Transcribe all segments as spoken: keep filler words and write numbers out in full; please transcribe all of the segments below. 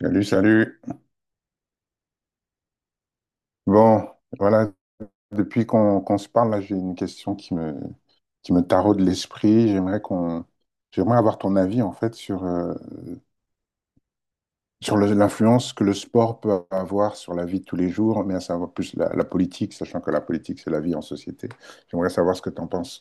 Salut, salut. Bon, voilà, depuis qu'on qu'on se parle, là, j'ai une question qui me, qui me taraude l'esprit. J'aimerais qu'on, j'aimerais avoir ton avis, en fait, sur, euh, sur le- l'influence que le sport peut avoir sur la vie de tous les jours, mais à savoir plus la, la politique, sachant que la politique, c'est la vie en société. J'aimerais savoir ce que tu en penses.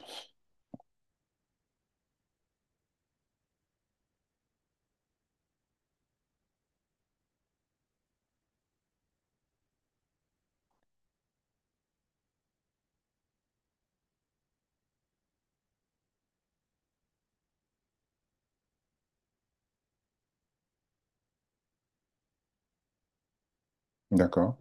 D'accord.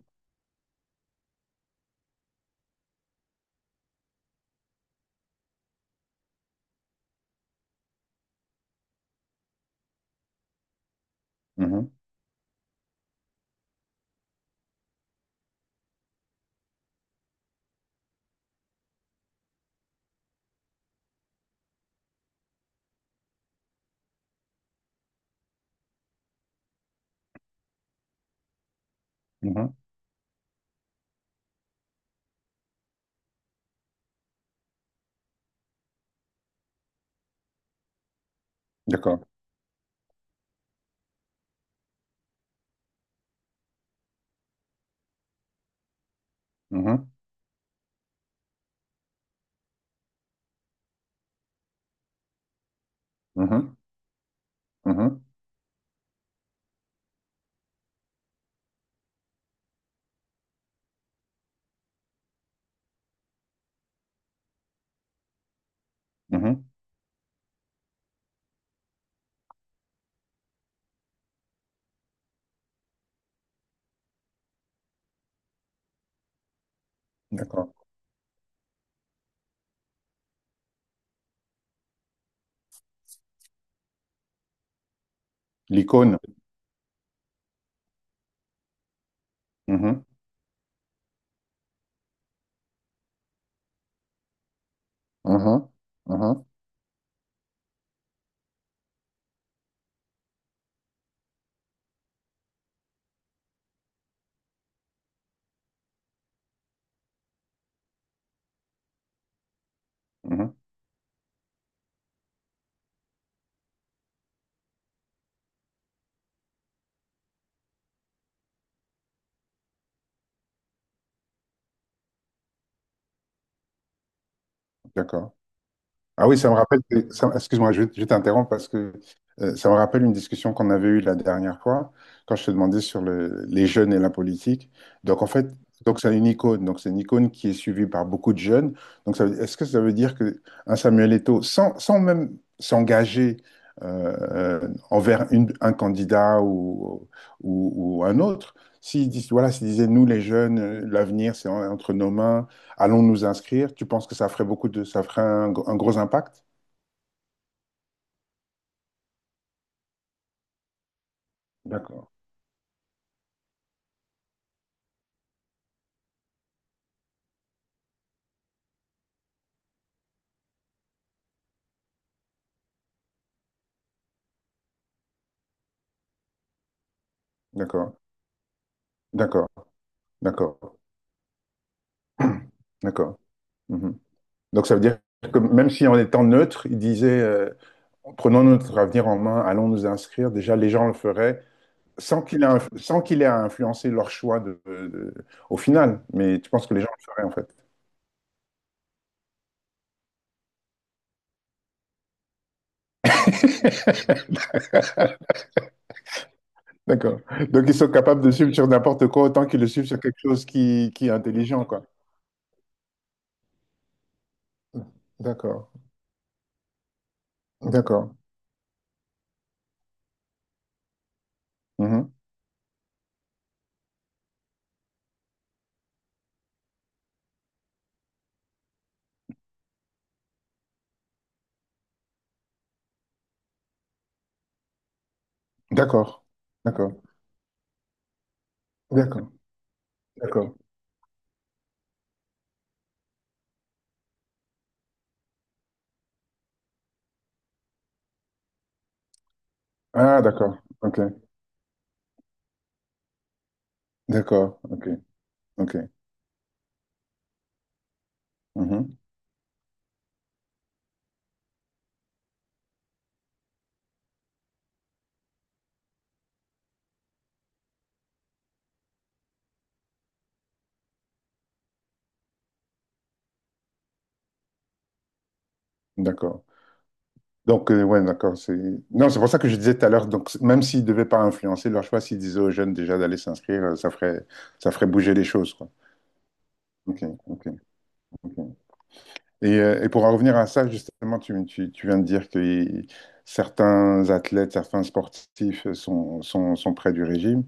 Mhm, mhm. D'accord. Mhm, mhm, mhm, mhm. D'accord. L'icône. Mhm, mhm, mhm, mhm. D'accord. Ah oui, ça me rappelle, que- ça- excuse-moi, je, vais je t'interromps parce que euh, ça me rappelle une discussion qu'on avait eue la dernière fois quand je te demandais sur le- les jeunes et la politique. Donc en fait, donc c'est une icône, donc c'est une icône qui est suivie par beaucoup de jeunes. Donc ça veut- est-ce que ça veut dire que un Samuel Eto'o, sans, sans même s'engager euh, euh, envers une- un candidat ou, ou, ou un autre, s'il dit, voilà, s'il disait nous les jeunes, euh, l'avenir c'est en- entre nos mains. Allons nous inscrire. Tu penses que ça ferait beaucoup de, ça ferait un, gr- un gros impact? D'accord, d'accord, d'accord, d'accord, d'accord. Mhm. Donc ça veut dire que même si en étant neutre, il disait, euh, prenons notre avenir en main, allons nous inscrire. Déjà, les gens le feraient sans qu'il ait, inf- sans qu'il ait à influencer leur choix de, de- au final. Mais tu penses que les gens le feraient en fait? D'accord. Donc ils sont capables de suivre sur n'importe quoi autant qu'ils le suivent sur quelque chose qui, qui est intelligent, quoi. D'accord, d'accord. Mhm. D'accord, d'accord, d'accord, d'accord. Ah, d'accord, ok, d'accord, ok, ok, mhm, d'accord. Donc, euh, ouais, d'accord, c'est... Non, c'est pour ça que je disais tout à l'heure, donc, c- même s'ils ne devaient pas influencer leur choix, s'ils disaient aux jeunes déjà d'aller s'inscrire, euh, ça ferait, ça ferait bouger les choses, quoi. Ok, ok, ok. Et, euh, et pour en revenir à ça, justement, tu, tu, tu viens de dire que certains athlètes, certains sportifs sont, sont, sont près du régime.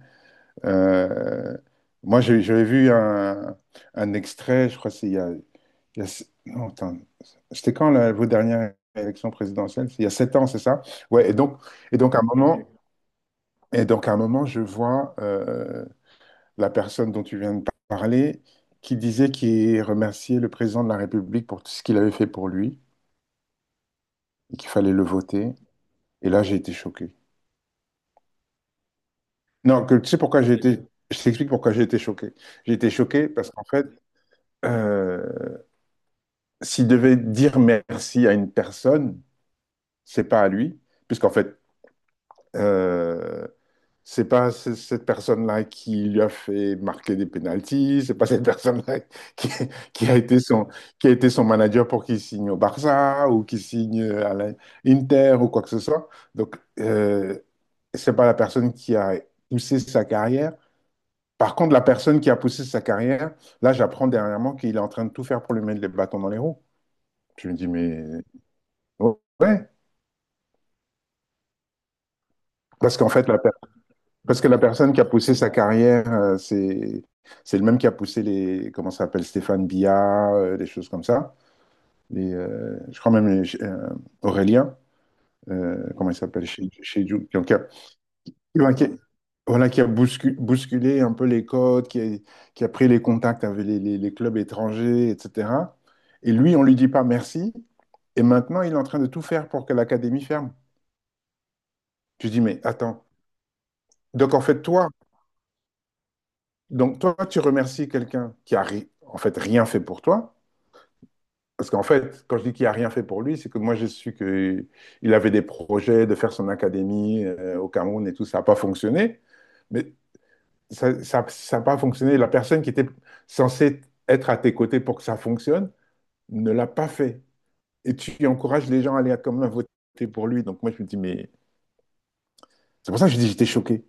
Euh, moi, j'ai- j'avais vu un, un extrait, je crois que c'est il y a, il y a- non, attends, c'était quand la, vos dernières élections présidentielles? C'est il y a sept ans, c'est ça? Ouais, et donc, et donc à un moment, et donc à un moment, je vois euh, la personne dont tu viens de parler qui disait qu'il remerciait le président de la République pour tout ce qu'il avait fait pour lui et qu'il fallait le voter. Et là, j'ai été choqué. Non, que, tu sais pourquoi j'ai été, je t'explique pourquoi j'ai été choqué. J'ai été choqué parce qu'en fait, euh, s'il devait dire merci à une personne, c'est pas à lui, puisqu'en fait, euh, c'est pas c- cette personne-là qui lui a fait marquer des pénaltys, c'est pas cette personne-là qui, qui a été son, qui a été son manager pour qu'il signe au Barça ou qu'il signe à l'Inter ou quoi que ce soit. Donc, euh, c'est pas la personne qui a poussé sa carrière. Par contre, la personne qui a poussé sa carrière, là, j'apprends dernièrement qu'il est en train de tout faire pour lui mettre les bâtons dans les roues. Je me dis, mais ouais. Parce qu'en fait, la per- parce que la personne qui a poussé sa carrière, euh, c'est c'est le même qui a poussé les, comment ça s'appelle, Stéphane Bia, euh, des choses comme ça. Les, euh, je crois même les- euh, Aurélien, euh, comment il s'appelle, chez, chez Ju- qui, qui a, voilà, qui a voilà, qui a bouscu- bousculé un peu les codes, qui a, qui a pris les contacts avec les, les- les clubs étrangers, et cetera. Et lui, on lui dit pas merci. Et maintenant, il est en train de tout faire pour que l'académie ferme. Tu dis, mais attends. Donc, en fait, toi, Donc, toi, tu remercies quelqu'un qui a ri- en fait rien fait pour toi. Parce qu'en fait, quand je dis qu'il a rien fait pour lui, c'est que moi, j'ai su qu'il avait des projets de faire son académie euh, au Cameroun et tout. Ça n'a pas fonctionné. Mais ça n'a ça, ça a pas fonctionné. La personne qui était censée être à tes côtés pour que ça fonctionne ne l'a pas fait. Et tu encourages les gens à aller à- quand même voter pour lui. Donc, moi, je me dis, mais c'est pour ça que je dis, j'étais choqué.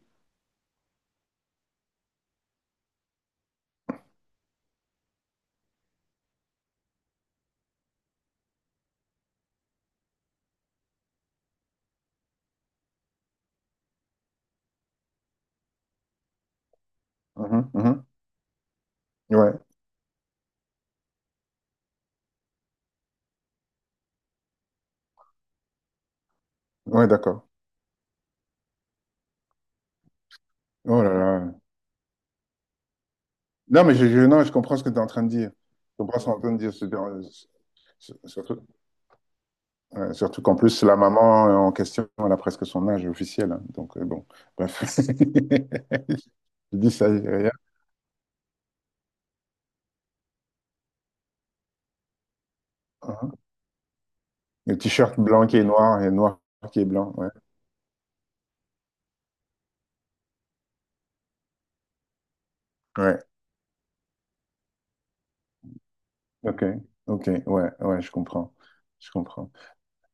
Mhm, mhm. Ouais, ouais, d'accord. Oh là là. Non, mais je, je- non, je comprends ce que tu es en train de dire. Je comprends ce que tu es en Ouais. train de dire. C'est- euh, c'est- Surtout, euh, surtout qu'en plus, la maman euh, en question, elle a presque son âge officiel. Hein. Donc, euh, bon, bref. Je dis ça, je dis rien. Hein. Le t-shirt blanc qui est noir et noir qui est blanc. Ouais. Ouais. OK. OK. Ouais. Ouais, je comprends. Je comprends.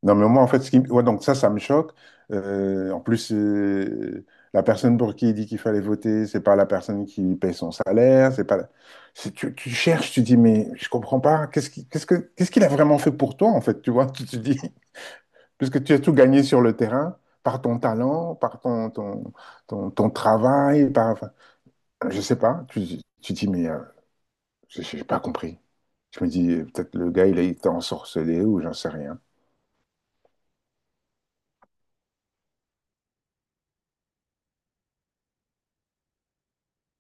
Non, mais moi, en fait, ce qui... ouais, donc ça, ça me choque. Euh, en plus, euh, la personne pour qui il dit qu'il fallait voter, c'est pas la personne qui paye son salaire, c'est pas... la- c'est- Tu, tu cherches, tu dis, mais je comprends pas, qu'est-ce qui- qu'est-ce que, qu'est-ce qu'il a vraiment fait pour toi, en fait, tu vois, tu te dis, puisque tu as tout gagné sur le terrain, par ton talent, par ton, ton, ton, ton travail, par... enfin, je sais pas, tu, tu dis, mais euh, j'ai j'ai pas compris. Je me dis, euh, peut-être le gars, il a été ensorcelé ou j'en sais rien.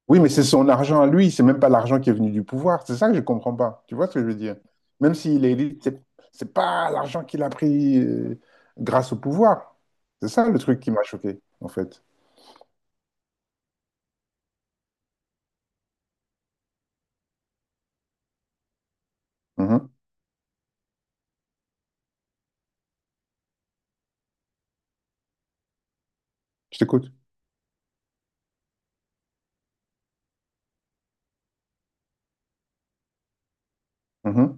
Oui, mais c'est son argent à lui, c'est même pas l'argent qui est venu du pouvoir. C'est ça que je comprends pas. Tu vois ce que je veux dire? Même s'il est élite, c'est c'est pas l'argent qu'il a pris euh, grâce au pouvoir. C'est ça le truc qui m'a choqué, en fait. Mhm. Je t'écoute. Mhm.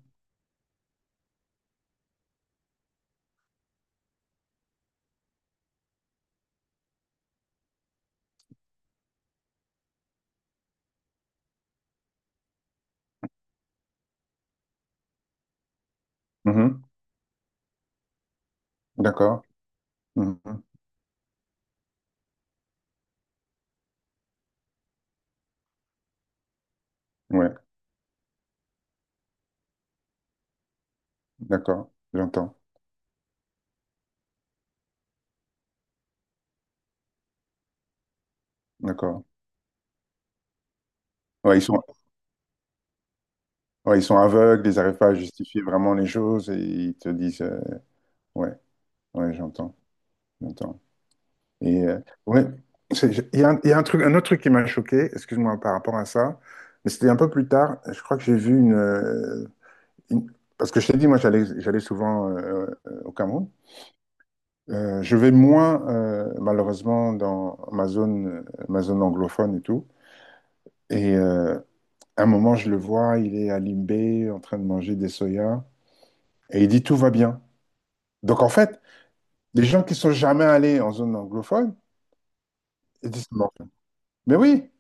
Mhm. D'accord. Mhm. Ouais, d'accord. J'entends. D'accord. Ouais, ils sont, ouais, ils sont aveugles, ils n'arrivent pas à justifier vraiment les choses et ils te disent. Euh, Ouais, ouais, j'entends. J'entends. Et euh, ouais, c'est- j'ai- il y a, un il y a un truc, un autre truc qui m'a choqué, excuse-moi par rapport à ça, mais c'était un peu plus tard. Je crois que j'ai vu une, euh, une- parce que je t'ai dit, moi j'allais, j'allais souvent euh, euh, au Cameroun. Euh, je vais moins euh, malheureusement dans ma zone, euh, ma zone anglophone et tout. Et euh, à un moment, je le vois, il est à Limbé en train de manger des soya et il dit tout va bien. Donc en fait, les gens qui sont jamais allés en zone anglophone, ils disent non. Mais oui,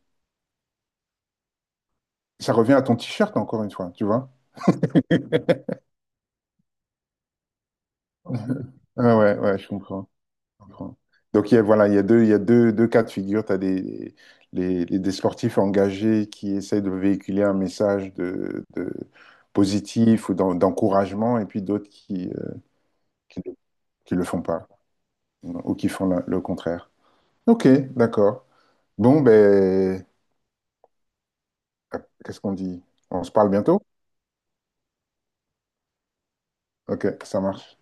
ça revient à ton t-shirt encore une fois, tu vois. Ah ouais, ouais, je comprends, je comprends. Donc il y a, voilà, il y a deux, il y a deux, deux cas de figure. Tu as des, les, les- des sportifs engagés qui essayent de véhiculer un message de, de positif ou d'en- d'encouragement, et puis d'autres qui, euh, qui, le- qui le font pas ou qui font la- le contraire. Ok, d'accord. Bon, ben, euh, qu'est-ce qu'on dit? On se parle bientôt? Ok, ça marche.